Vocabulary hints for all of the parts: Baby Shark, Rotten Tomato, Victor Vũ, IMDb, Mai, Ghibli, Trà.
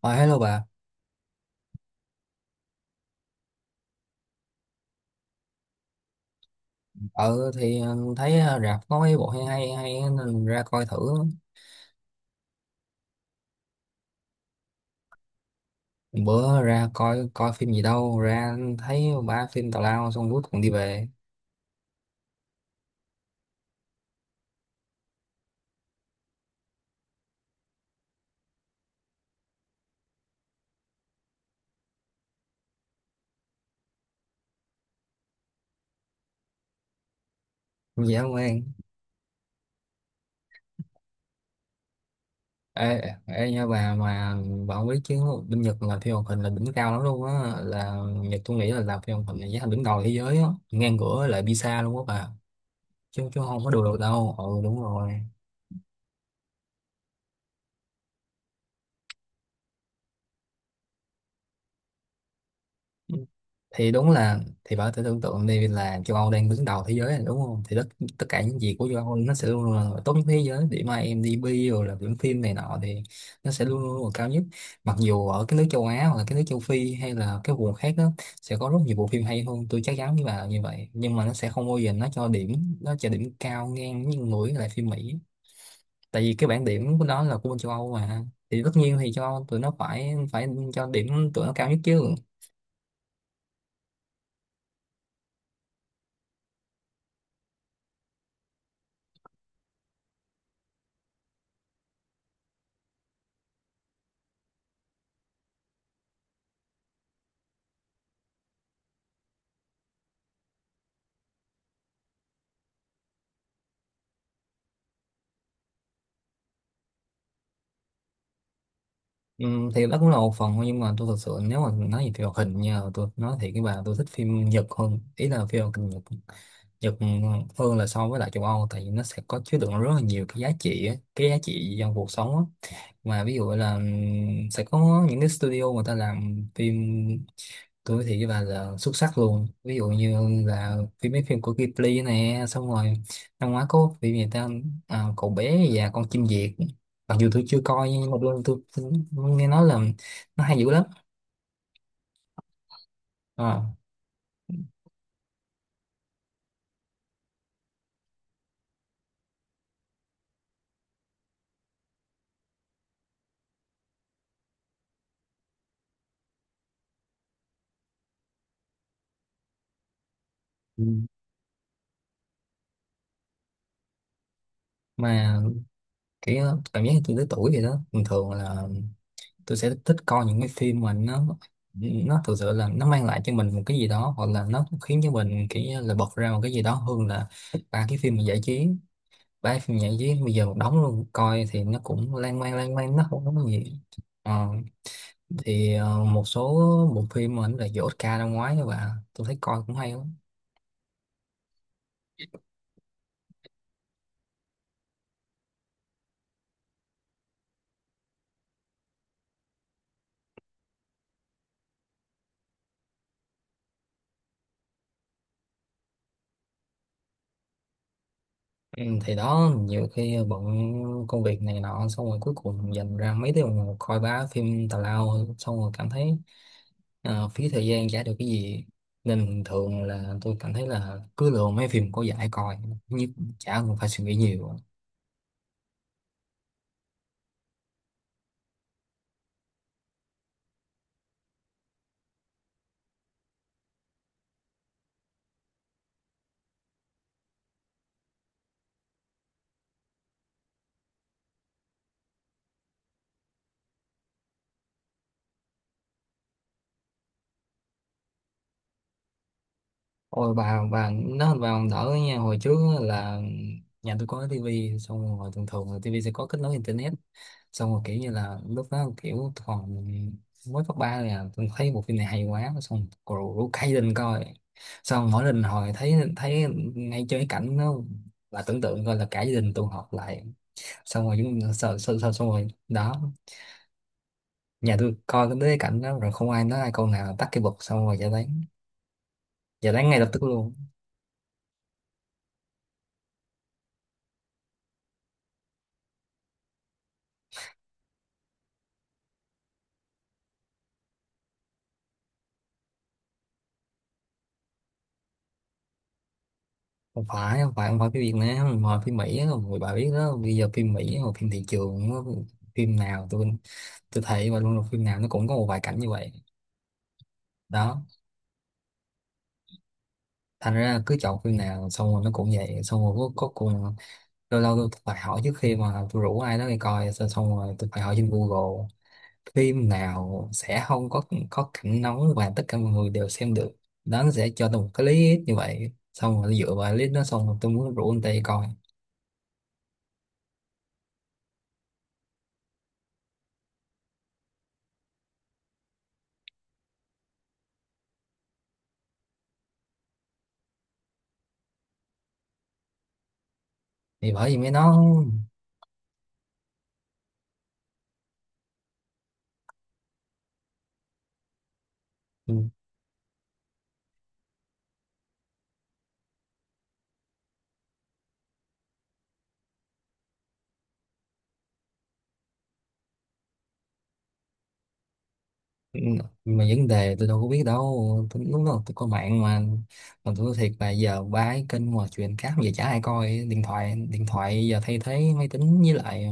Ờ, hello bà. Thấy, rạp có mấy bộ hay hay hay á, nên ra coi thử. Bữa ra coi coi phim gì đâu, ra thấy ba phim tào lao, xong cuối cùng đi về. Dễ không em. Ê, ê nha bà, mà bà không biết chứ, bên Nhật làm phim hoạt hình là đỉnh cao lắm luôn á, là Nhật. Tôi nghĩ là làm phim hoạt hình là giá thành đứng đầu thế giới á, ngang cửa lại Pizza luôn á bà. Chứ chứ không có đùa được đâu, ừ đúng rồi. Thì đúng là, thì bảo thử tưởng tượng đi, là châu Âu đang đứng đầu thế giới này, đúng không? Thì tất tất cả những gì của châu Âu nó sẽ luôn luôn là tốt nhất thế giới, điểm IMDb rồi là điểm phim này nọ thì nó sẽ luôn luôn là cao nhất. Mặc dù ở cái nước châu Á hoặc là cái nước châu Phi hay là cái vùng khác đó sẽ có rất nhiều bộ phim hay hơn, tôi chắc chắn với bà là như vậy, nhưng mà nó sẽ không bao giờ nó cho điểm, nó cho điểm cao ngang như mũi lại phim Mỹ, tại vì cái bảng điểm của nó là của bên châu Âu mà, thì tất nhiên thì châu Âu tụi nó phải phải cho điểm tụi nó cao nhất chứ. Ừ, thì đó cũng là một phần thôi, nhưng mà tôi thật sự, nếu mà nói về phim hoạt hình nha, tôi nói thiệt với bà, tôi thích phim Nhật hơn, ý là phim hoạt hình Nhật. Nhật hơn là so với lại châu Âu, tại vì nó sẽ có chứa đựng rất là nhiều cái giá trị á, cái giá trị trong cuộc sống á. Mà ví dụ là sẽ có những cái studio người ta làm phim, tôi thì với bà là xuất sắc luôn, ví dụ như là phim, mấy phim của Ghibli nè, xong rồi năm ngoái có phim gì ta? À, Cậu Bé và Con Chim Diệc. Mặc dù tôi chưa coi, nhưng mà tôi nghe nói là nó hay dữ lắm. Ờ. Ừ. Mà kiểu cảm giác như tôi tới tuổi vậy đó, bình thường là tôi sẽ thích coi những cái phim mà nó thực sự là nó mang lại cho mình một cái gì đó, hoặc là nó khiến cho mình kiểu như là bật ra một cái gì đó, hơn là ba cái phim mà giải trí. Ba cái phim giải trí bây giờ một đống luôn, coi thì nó cũng lan man nó không có cái gì. Ờ, thì một số bộ phim mà nó là giải Oscar năm ngoái các bạn tôi thấy coi cũng hay lắm. Ừ, thì đó, nhiều khi bận công việc này nọ, xong rồi cuối cùng dành ra mấy tiếng đồng hồ coi bá phim tào lao, xong rồi cảm thấy phí thời gian, chả được cái gì. Nên thường là tôi cảm thấy là cứ lựa mấy phim có giải coi nhất, chả cần phải suy nghĩ nhiều. Ôi bà nó bà còn đỡ nha. Hồi trước á là nhà tôi có cái tivi, xong rồi thường thường là tivi sẽ có kết nối internet, xong rồi kiểu như là lúc đó kiểu còn mới cấp ba, là tôi thấy một phim này hay quá xong rồi rủ cây lên coi. Xong mỗi lần hồi thấy thấy ngay chơi cái cảnh nó, là tưởng tượng coi là cả gia đình tụ họp lại, xong rồi chúng sợ sợ sợ xong rồi đó nhà tôi coi tới cái cảnh đó rồi không ai nói ai câu nào, tắt cái bật xong rồi giải tán, giải tán ngay lập tức luôn. Không phải phim Việt Nam mà phim Mỹ á, rồi bà biết đó, bây giờ phim Mỹ hoặc phim thị trường nó- phim nào tôi thấy và luôn là phim nào nó cũng có một vài cảnh như vậy. Đó, thành ra cứ chọn phim nào xong rồi nó cũng vậy, xong rồi cuối cuối cùng lâu lâu tôi phải hỏi trước khi mà tôi rủ ai đó đi coi, xong xong rồi tôi phải hỏi trên Google phim nào sẽ không có cảnh nóng và tất cả mọi người đều xem được. Đó, nó sẽ cho tôi một cái list như vậy, xong rồi dựa vào list đó xong rồi tôi muốn rủ anh ta đi coi. Thì bởi vì mấy nó... Ừ, mà vấn đề tôi đâu có biết đâu, tôi, lúc đó tôi có mạng mà. Mà tôi nói thiệt là giờ ba cái kênh mà chuyện cáp giờ chả ai coi, điện thoại giờ thay thế máy tính với lại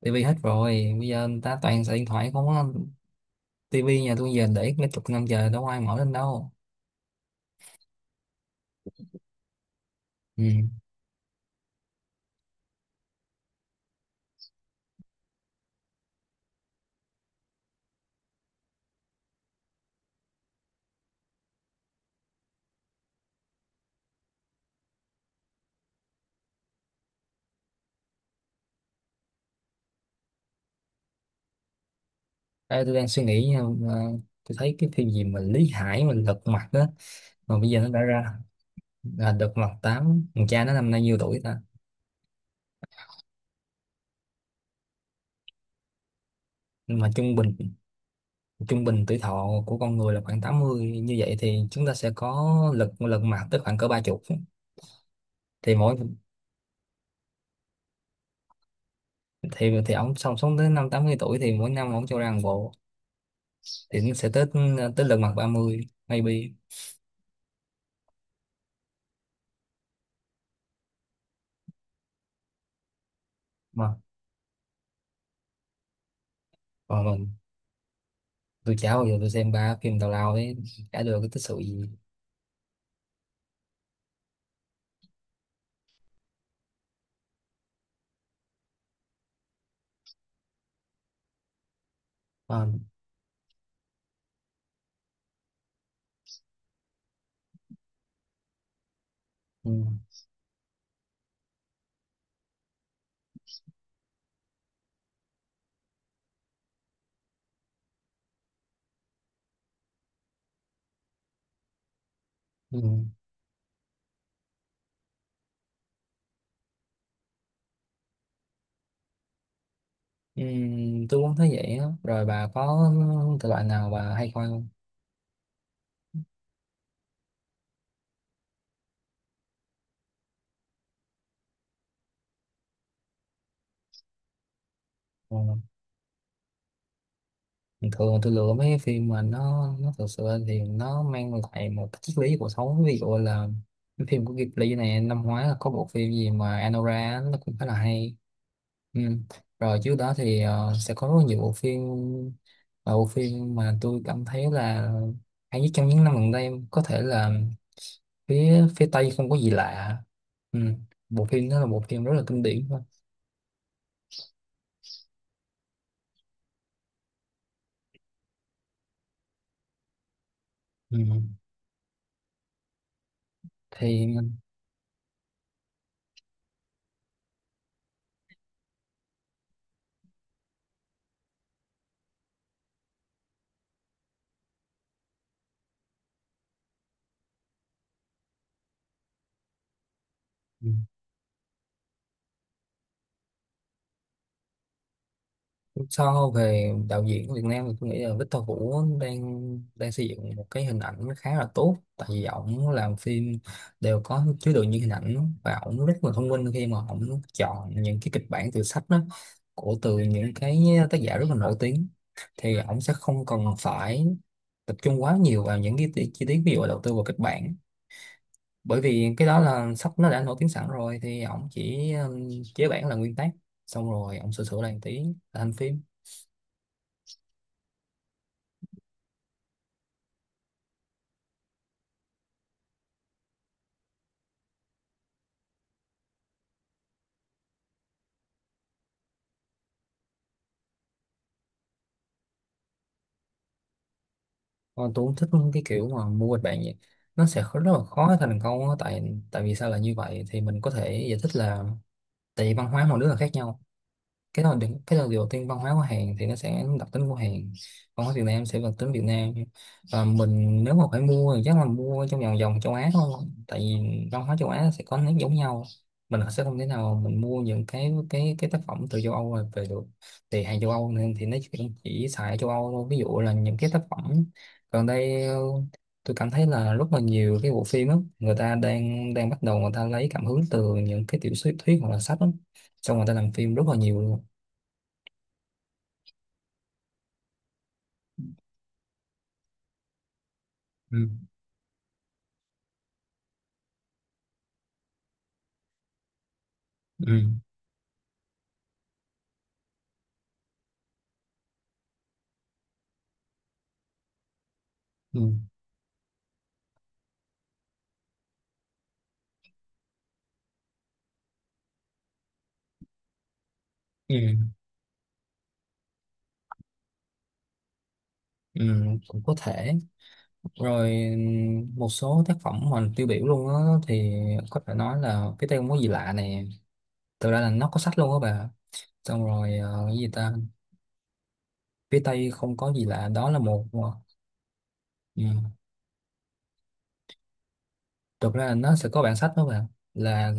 tivi hết rồi, bây giờ người ta toàn xài điện thoại không á. Tivi nhà tôi giờ để mấy chục năm giờ đâu có ai mở lên đâu. Ừ. Ê, tôi đang suy nghĩ nha, ờ, tôi thấy cái phim gì mà Lý Hải mà Lật Mặt á, mà bây giờ nó đã ra là Lật Mặt 8. Thằng cha nó năm nay nhiêu tuổi ta? Mà trung bình tuổi thọ của con người là khoảng 80, như vậy thì chúng ta sẽ có lật lật mặt tới khoảng cỡ ba chục. Thì mỗi... Thì ông sống sống tới năm 80 tuổi thì mỗi năm ông cho ra một bộ thì nó sẽ tới, tới Lật Mặt 30. Maybe. Mà còn mình, tôi chả bao giờ tôi xem ba phim tào lao ấy, cả đời có tích sự gì. Ờ, ừ, ừ, ừ, tôi cũng thấy vậy á. Rồi bà có thể loại nào bà hay coi không? Ừ. Thường tôi lựa mấy cái phim mà nó thực sự thì nó mang lại một cái triết lý cuộc sống, ví dụ là cái phim của Ghibli này, năm ngoái là có bộ phim gì mà Anora á, nó cũng khá là hay. Ừ. Rồi trước đó thì sẽ có rất nhiều bộ phim, và bộ phim mà tôi cảm thấy là hay nhất trong những năm gần đây có thể là phía phía Tây Không Có Gì Lạ. Ừ. Bộ phim đó là bộ phim rất là kinh điển thôi. Ừ. Thì. Ừ. So về đạo diễn của Việt Nam thì tôi nghĩ là Victor Vũ đang đang xây dựng một cái hình ảnh khá là tốt, tại vì ổng làm phim đều có chứa đựng những hình ảnh, và ổng rất là thông minh khi mà ổng chọn những cái kịch bản từ sách đó, của, từ những cái tác giả rất là nổi tiếng. Thì ổng sẽ không cần phải tập trung quá nhiều vào những cái chi tiết, ví dụ là đầu tư vào kịch bản, bởi vì cái đó là sách nó đã nổi tiếng sẵn rồi, thì ổng chỉ chế bản là nguyên tác, xong rồi ổng sửa sửa lại một tí là thành phim. Còn tôi cũng thích cái kiểu mà mua kịch bản vậy. Nó sẽ rất là khó thành công á. Tại, tại vì sao là như vậy thì mình có thể giải thích là tại vì văn hóa mỗi nước là khác nhau. Cái đó đừng, cái đó đầu tiên, văn hóa của Hàn thì nó sẽ đặc tính của Hàn, văn hóa Việt Nam sẽ đặc tính Việt Nam. Và mình nếu mà phải mua thì chắc là mua trong vòng vòng châu Á thôi, tại vì văn hóa châu Á sẽ có nét giống nhau. Mình sẽ không thể nào mình mua những cái cái tác phẩm từ châu Âu về được. Thì hàng châu Âu nên thì nó chỉ xài ở châu Âu thôi. Ví dụ là những cái tác phẩm gần đây tôi cảm thấy là rất là nhiều cái bộ phim á, người ta đang đang bắt đầu người ta lấy cảm hứng từ những cái tiểu thuyết thuyết hoặc là sách á, xong người ta làm phim rất là nhiều luôn. Ừ, ừ, ừ, ừ, ừ, cũng có thể. Rồi một số tác phẩm mà tiêu biểu luôn á, thì có thể nói là Phía Tây Không Có Gì Lạ nè, thực ra là nó có sách luôn á bà, xong rồi cái gì ta. Phía Tây Không Có Gì Lạ đó, là một ừ, thực ra là nó sẽ có bản sách đó bạn, là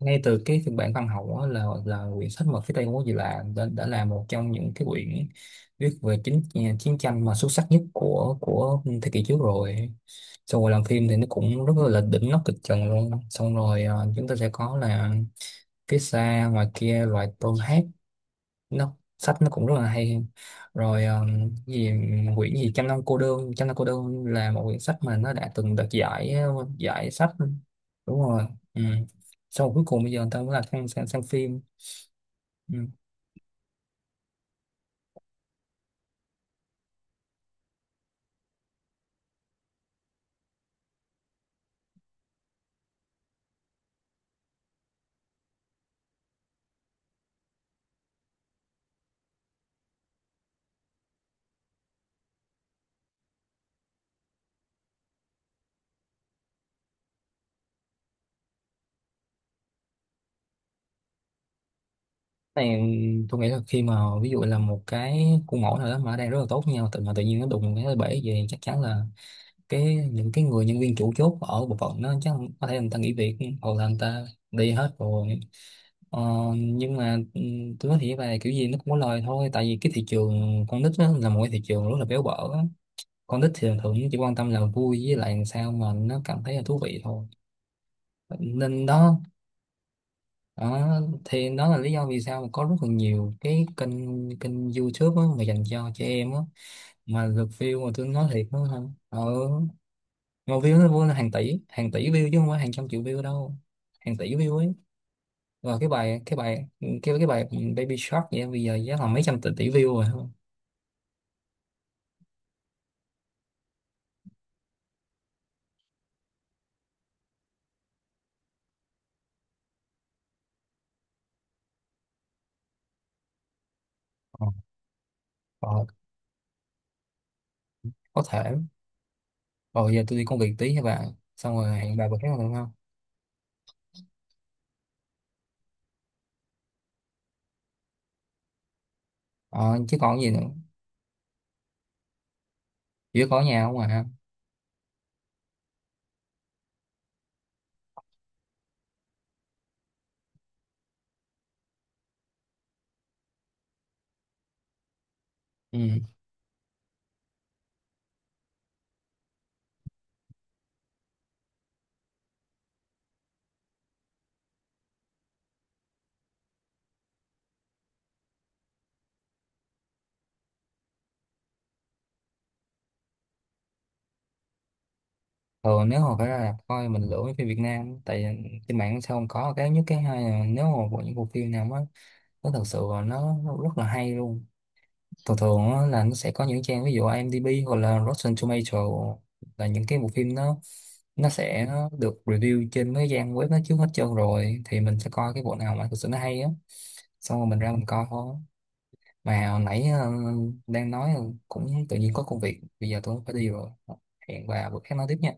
ngay từ cái phiên bản văn học đó là quyển sách mà Phía Tây Ngô Gì Lạ đã là một trong những cái quyển viết về chính, à, chiến tranh mà xuất sắc nhất của thế kỷ trước rồi. Xong rồi làm phim thì nó cũng rất là đỉnh, nó kịch trần luôn, xong rồi chúng ta sẽ có là Phía Xa Ngoài Kia Loài Tôm Hát. Nó, sách nó cũng rất là hay. Rồi gì, quyển gì Trăm Năm Cô Đơn, Trăm Năm Cô Đơn là một quyển sách mà nó đã từng đoạt giải giải sách. Đúng rồi. Ừ. Sau rồi cuối cùng bây giờ người ta mới là sang phim. Ừ. Này, tôi nghĩ là khi mà ví dụ là một cái khuôn mẫu nào đó mà đang rất là tốt với nhau tự mà tự nhiên nó đụng cái bể về, chắc chắn là cái, những cái người nhân viên chủ chốt ở bộ phận nó chắc có thể người ta nghỉ việc hoặc là người ta đi hết rồi. Ờ, nhưng mà tôi nói thiệt là kiểu gì nó cũng có lời thôi, tại vì cái thị trường con nít á, là một cái thị trường rất là béo bở á. Con nít thì thường chỉ quan tâm là vui với lại làm sao mà nó cảm thấy là thú vị thôi. Nên đó. Đó thì đó là lý do vì sao mà có rất là nhiều cái kênh, kênh YouTube á, mà dành cho trẻ em á, mà lượt view mà tôi nói thiệt đó hả, ờ, mà view nó vô là hàng tỷ, hàng tỷ view chứ không phải hàng trăm triệu view đâu, hàng tỷ view ấy. Rồi cái bài Baby Shark vậy bây giờ giá là mấy trăm tỷ tỷ view rồi không? Ờ, ờ, có thể. Rồi giờ tôi đi công việc tí các bạn. Xong rồi hẹn bà bữa khác được không? Ờ, chứ còn gì nữa. Chỉ có nhà không à. Ừ. Thường nếu mà phải ra rạp coi mình lựa mấy phim Việt Nam, tại trên mạng sao không có. Cái nhất, cái hai là nếu mà bộ, những bộ phim nào mà nó thật sự là nó rất là hay luôn, thường thường á, là nó sẽ có những trang ví dụ IMDb hoặc là Rotten Tomato, là những cái bộ phim, nó sẽ được review trên mấy trang web nó trước hết trơn, rồi thì mình sẽ coi cái bộ nào mà thực sự nó hay á, xong rồi mình ra mình coi thôi. Mà hồi nãy đang nói, cũng tự nhiên có công việc bây giờ tôi phải đi rồi. Hẹn bà bữa khác nói tiếp nha.